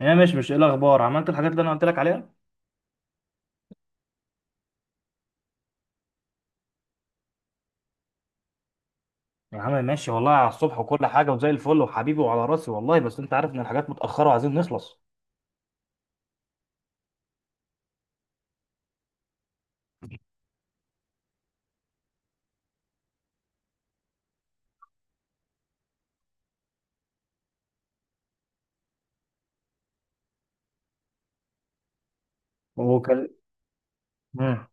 يا ماشي، مش ايه الاخبار؟ عملت الحاجات اللي انا قلت لك عليها؟ يا عم ماشي، والله على الصبح وكل حاجه وزي الفل وحبيبي وعلى راسي والله، بس انت عارف ان الحاجات متاخره وعايزين نخلص. وكل. مم.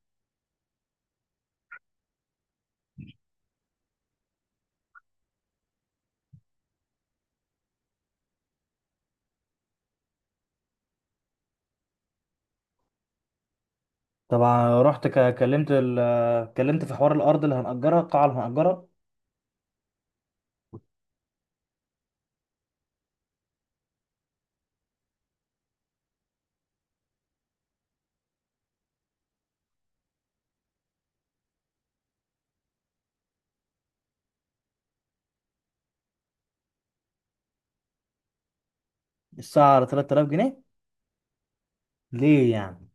طبعا رحت كلمت في حوار الارض اللي هنأجرها، القاعه اللي هنأجرها. الساعه على 3000 جنيه؟ ليه يعني؟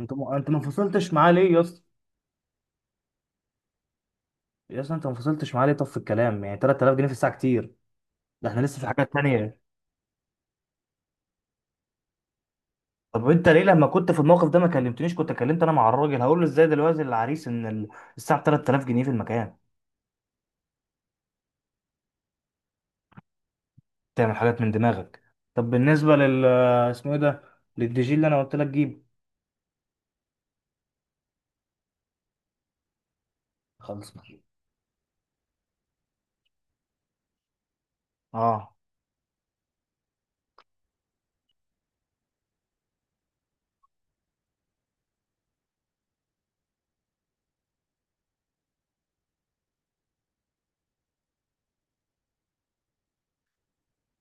انت ما فصلتش معاه ليه يا اسطى؟ يا اسطى، انت ما فصلتش معاه ليه؟ طب في الكلام يعني 3000 جنيه في الساعه كتير. ده احنا لسه في حاجات تانية. طب انت ليه لما كنت في الموقف ده ما كلمتنيش؟ كنت كلمت انا مع الراجل، هقول له ازاي دلوقتي للعريس ان ال-. الساعه 3000 جنيه في المكان. تعمل حاجات من دماغك. طب بالنسبة اسمه ايه ده؟ للدي جي اللي انا قلت لك جيب. خلص معايا. اه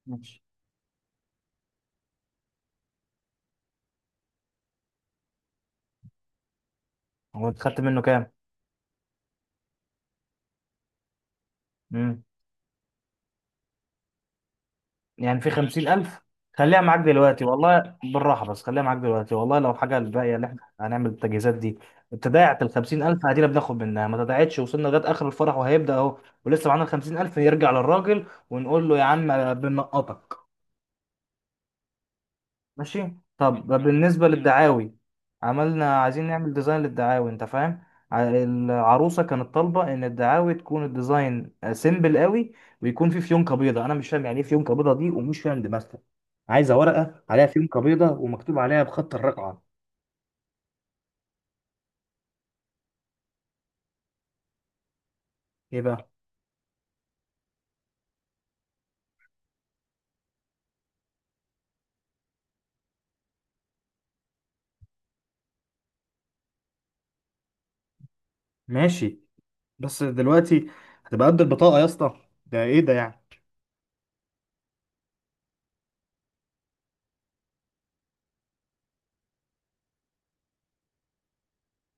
ماشي. هو انت خدت منه كام؟ امم. يعني في 50,000؟ خليها معاك دلوقتي والله، بالراحة، بس خليها معاك دلوقتي والله لو حاجة. الباقية اللي احنا هنعمل التجهيزات دي، اتضاعت الخمسين ألف عادي، بناخد منها. ما تضاعتش، وصلنا لغاية آخر الفرح وهيبدأ أهو. ولسه معانا الخمسين ألف، نرجع للراجل ونقول له يا عم بنقطك. ماشي. طب بالنسبة للدعاوي. عايزين نعمل ديزاين للدعاوي، انت فاهم. العروسة كانت طالبة ان الدعاوي تكون الديزاين سيمبل قوي، ويكون فيه فيونكة بيضة. انا مش فاهم يعني ايه فيونكة بيضة دي، ومش فاهم دماغها. عايزة ورقة عليها فيونكة بيضة ومكتوب عليها بخط الرقعة. ايه بقى؟ ماشي. بس دلوقتي هتبقى قد البطاقة يا اسطى؟ ده ايه ده يعني؟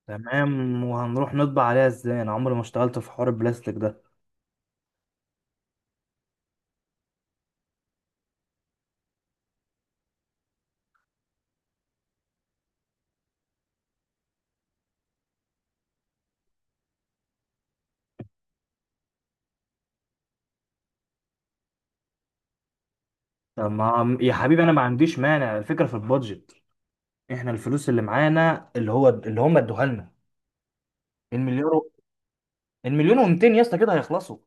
تمام. وهنروح نطبع عليها ازاي؟ انا عمري ما اشتغلت في حوار البلاستيك ده. طب ما يا حبيبي انا ما عنديش مانع، الفكرة في البادجت. احنا الفلوس اللي معانا اللي هو اللي هم ادوها لنا، المليار و- المليون و200 يا اسطى كده هيخلصوا.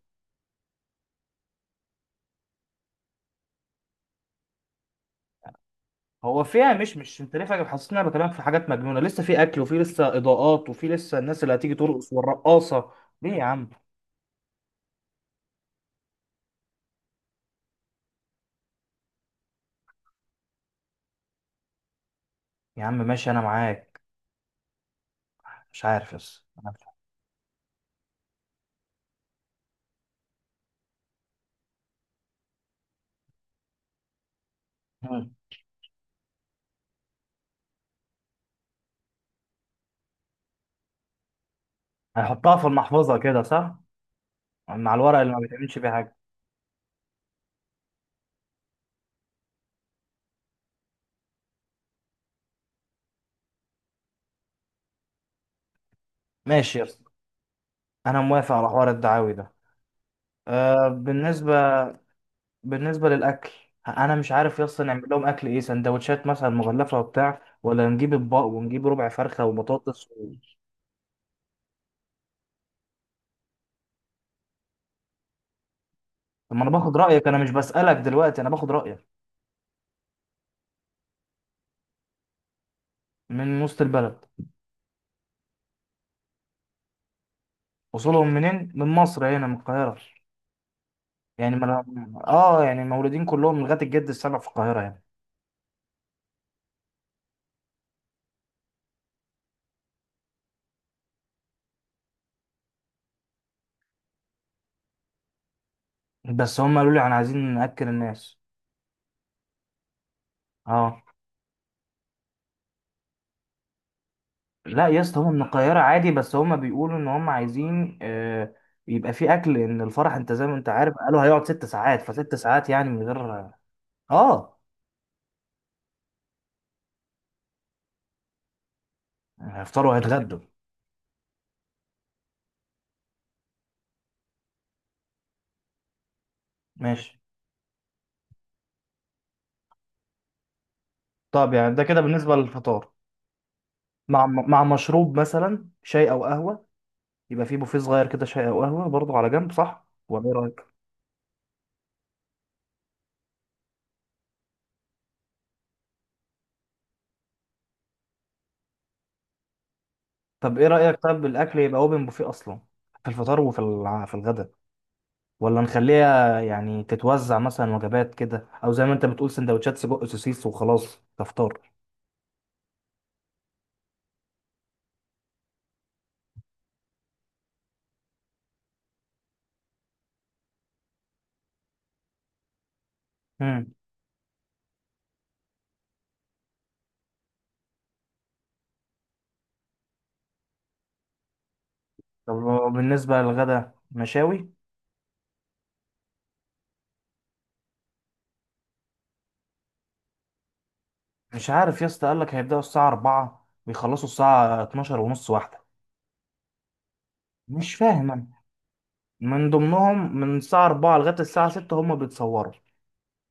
هو فيها مش انت ليه فاكر حاسس ان انا بكلمك في حاجات مجنونه؟ لسه في اكل، وفي لسه اضاءات، وفي لسه الناس اللي هتيجي ترقص والرقاصه. ليه يا عم؟ يا عم ماشي، انا معاك. مش عارف بس. مم. هنحطها في المحفظه كده صح؟ مع الورق اللي ما بيتعملش بيه حاجه. ماشي يا اسطى، انا موافق على حوار الدعاوي ده. أه. بالنسبة للأكل، أنا مش عارف يس نعمل لهم أكل إيه؟ سندوتشات مثلا مغلفة وبتاع، ولا نجيب أطباق ونجيب ربع فرخة وبطاطس و-؟ طب ما أنا باخد رأيك، أنا مش بسألك دلوقتي، أنا باخد رأيك. من وسط البلد. وصولهم منين؟ من مصر، هنا من القاهرة. يعني ما أنا- آه يعني مولودين كلهم لغاية الجد السبع في القاهرة يعني. بس هم قالوا لي أنا عايزين نأكل الناس. آه. لا يا اسطى، هم من القاهرة عادي، بس هم بيقولوا ان هم عايزين. يبقى في اكل، ان الفرح انت زي ما انت عارف قالوا هيقعد 6 ساعات، فست ساعات يعني من غير-. اه. هيفطروا وهيتغدوا. ماشي. طب يعني ده كده بالنسبة للفطار، مع مشروب مثلا شاي او قهوة. يبقى في بوفيه صغير كده، شاي او قهوة برضو على جنب، صح ولا ايه رأيك؟ طب ايه رأيك؟ طب الاكل يبقى اوبن بوفيه اصلا في الفطار وفي الع- في الغدا؟ ولا نخليها يعني تتوزع مثلا وجبات كده، او زي ما انت بتقول سندوتشات سجق سوسيس وخلاص تفطر. امم. طب بالنسبه للغدا مشاوي. مش عارف يا اسطى، قال لك هيبداوا الساعه 4 ويخلصوا الساعه 12 ونص واحده. مش فاهم انا. من ضمنهم من الساعه 4 لغايه الساعه 6 هم بيتصوروا،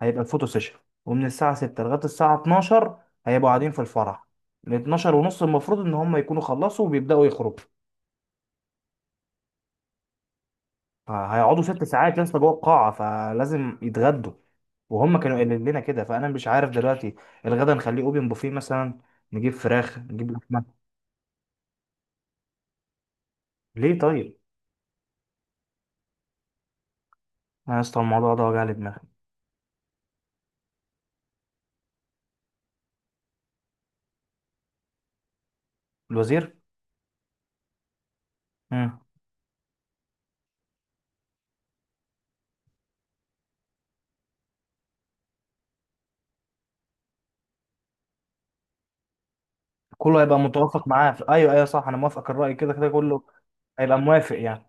هيبقى الفوتو سيشن. ومن الساعه 6 لغايه الساعه 12 هيبقوا قاعدين في الفرح. من 12 ونص المفروض ان هم يكونوا خلصوا وبيبداوا يخرجوا. هيقعدوا 6 ساعات لسه جوه القاعة، فلازم يتغدوا. وهم كانوا قايلين لنا كده، فانا مش عارف دلوقتي. الغدا نخليه اوبن بوفيه مثلا، نجيب فراخ نجيب لحمه. ليه طيب؟ انا يا اسطى الموضوع ده وجع لي دماغي. الوزير. امم. كله هيبقى متوافق معاه في-. ايوه ايوه، صح، انا موافقك الراي. كده كده كله هيبقى موافق يعني.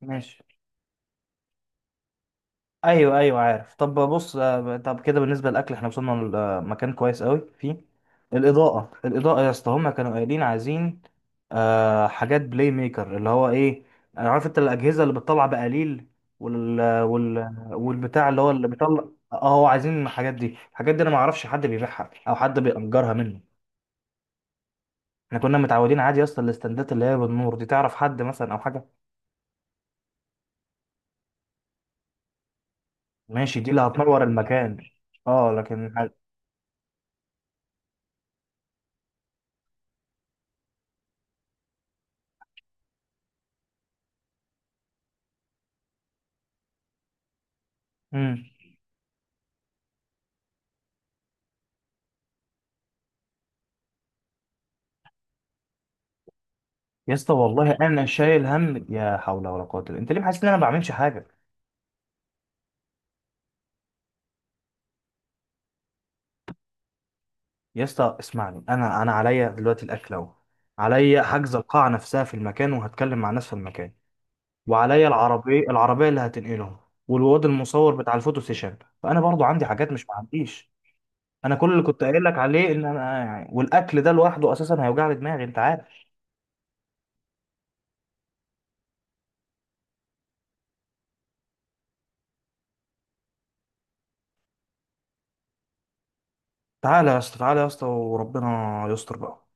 ماشي. ايوه ايوه عارف. طب بص، طب كده بالنسبه للاكل احنا وصلنا لمكان كويس قوي فيه. الاضاءه، الاضاءه يا اسطى، هما كانوا قايلين عايزين آه حاجات بلاي ميكر، اللي هو ايه؟ انا عارف انت الاجهزه اللي بتطلع بقليل، وال والبتاع اللي هو اللي بيطلع. اه، عايزين الحاجات دي. الحاجات دي انا ما اعرفش حد بيبيعها او حد بيأجرها منه. احنا كنا متعودين عادي يا اسطى الاستندات اللي هي بالنور دي. تعرف حد مثلا او حاجه؟ ماشي، دي اللي هتنور المكان. اه لكن. مم. يا اسطى والله انا شايل هم، يا حول ولا قوه الا انت، ليه حاسس ان انا ما بعملش حاجه؟ يا اسطى اسمعني، انا عليا دلوقتي الاكل اهو. عليا حجز القاعه نفسها في المكان، وهتكلم مع ناس في المكان. وعليا العربيه اللي هتنقلهم. والواد المصور بتاع الفوتو سيشن. فانا برضو عندي حاجات، مش معنديش. انا كل اللي كنت قايل لك عليه ان انا يعني، والاكل ده لوحده اساسا هيوجع لي دماغي انت عارف. تعالى يا اسطى، تعالى يا اسطى، وربنا يستر بقى.